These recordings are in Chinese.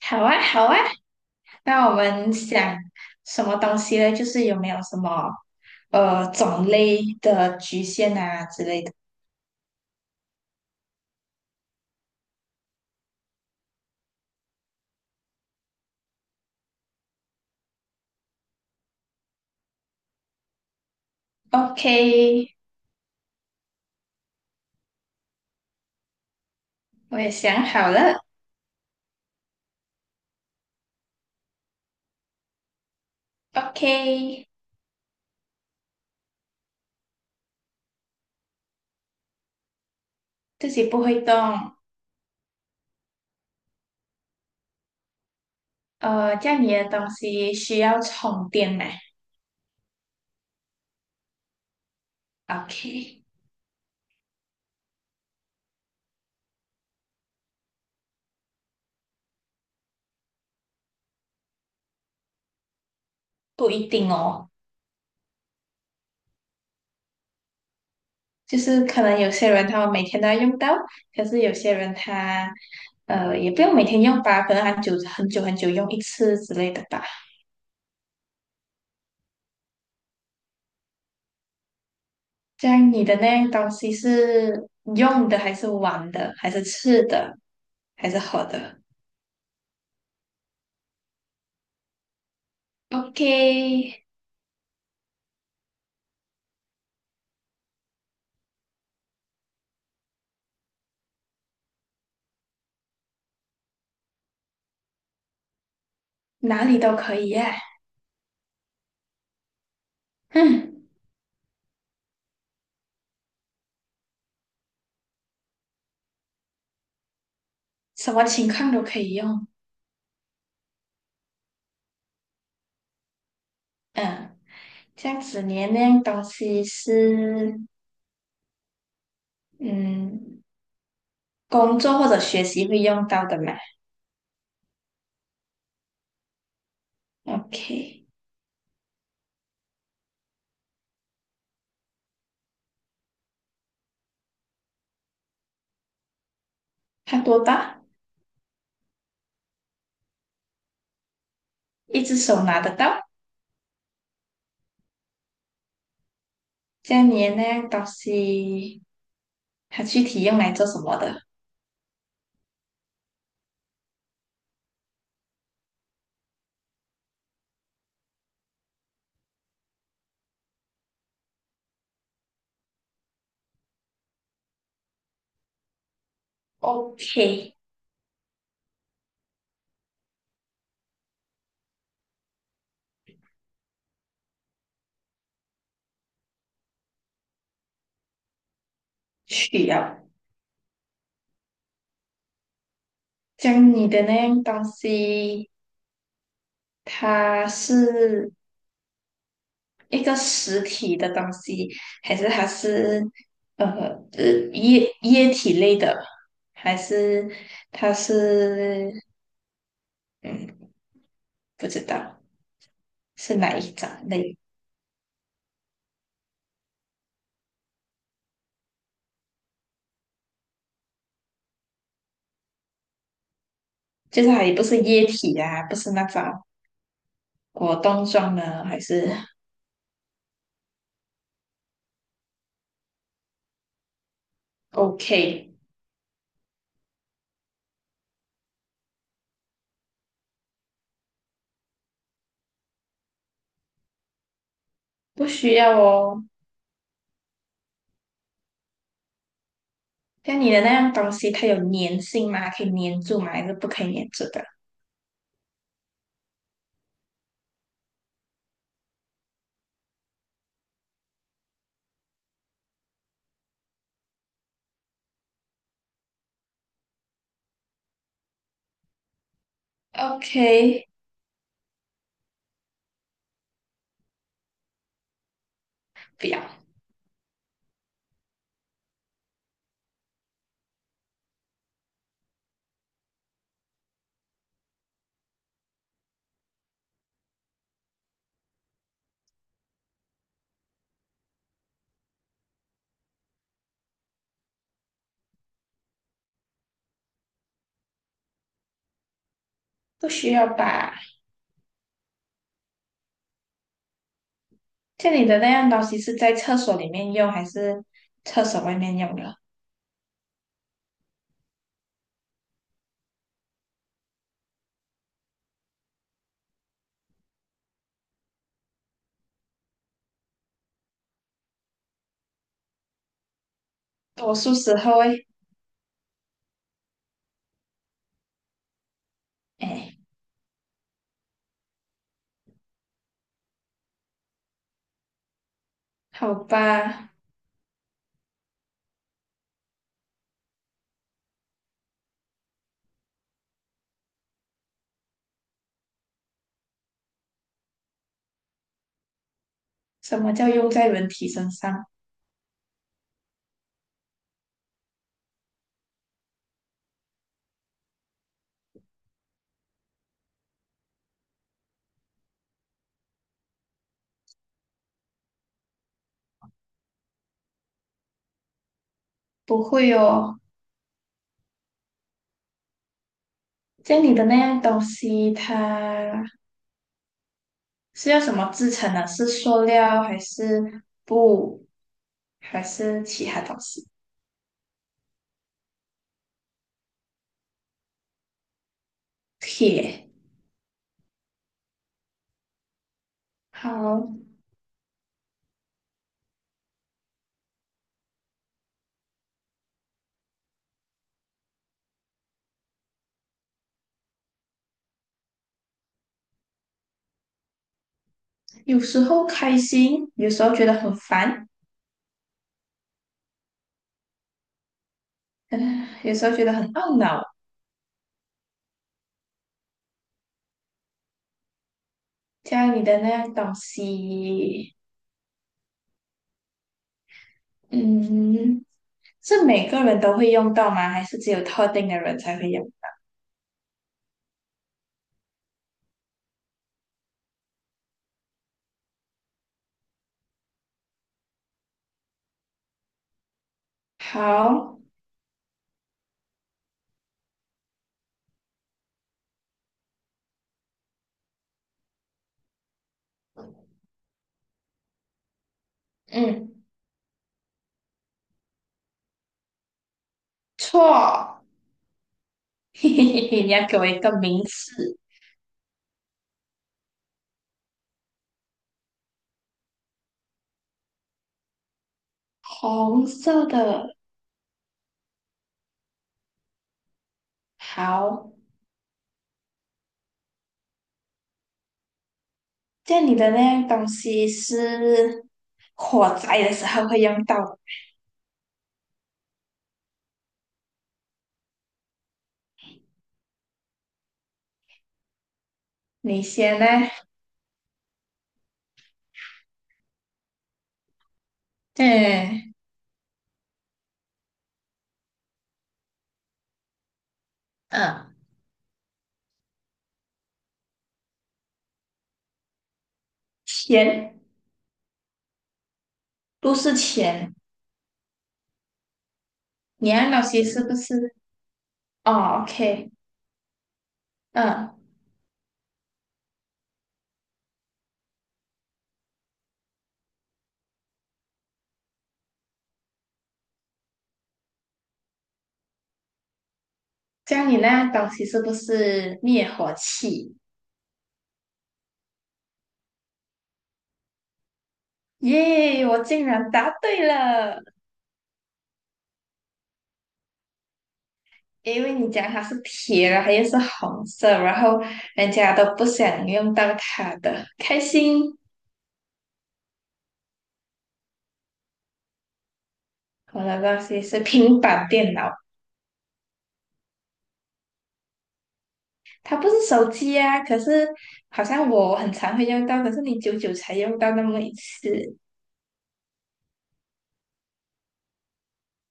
好啊，好啊，那我们想什么东西呢？就是有没有什么种类的局限啊之类的？OK，我也想好了。OK，自己不会动。这样你的东西需要充电吗？OK，不一定哦，就是可能有些人他们每天都要用到，可是有些人他也不用每天用吧，可能很久很久很久用一次之类的吧。这样你的那样东西是用的还是玩的，还是吃的，还是喝的？OK，哪里都可以耶，嗯，什么情况都可以用。嗯，这样子你的那样东西是嗯工作或者学习会用到的嘛？OK，它多大？一只手拿得到。这样你的那样东西它具体用来做什么的？OK，需要。像你的那样东西，它是一个实体的东西，还是它是呃呃液体类的，还是它是嗯不知道是哪一种类？就是它也不是液体啊，不是那种果冻状的，还是 OK，不需要哦。像你的那样东西，它有粘性吗？可以粘住吗？还是不可以粘住的？OK，不要，不需要吧？像你的那样东西是在厕所里面用，还是厕所外面用的？多数时候会，哎，好吧，什么叫用在人体身上？不会哦，家里的那样东西，它是用什么制成的？是塑料还是布，还是其他东西？铁。好，有时候开心，有时候觉得很烦，嗯，有时候觉得很懊恼。家里的那样东西，嗯，是每个人都会用到吗？还是只有特定的人才会用？好，嗯，错，嘿嘿嘿嘿，你要给我一个名词，红色的。好，这样你的那样东西是火灾的时候会用到。你先呢？嗯嗯，钱不是钱，你那样东西是不是？哦，OK，嗯，这样你那样东西是不是灭火器？耶，我竟然答对了！因为你讲它是铁，然后又是红色，然后人家都不想用到它的，开心。我的东西是平板电脑。它不是手机啊，可是好像我很常会用到，可是你久久才用到那么一次。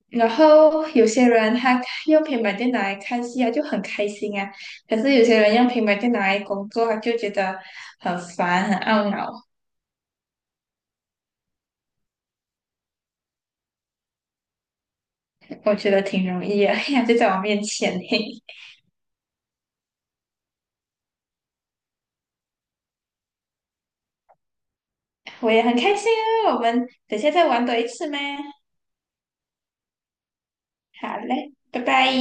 然后有些人他用平板电脑来看戏啊，就很开心啊。可是有些人用平板电脑来工作啊，就觉得很烦、很懊恼。我觉得挺容易啊，呀就在我面前嘿我也很开心啊。我们等下再玩多一次吗？好嘞，拜拜。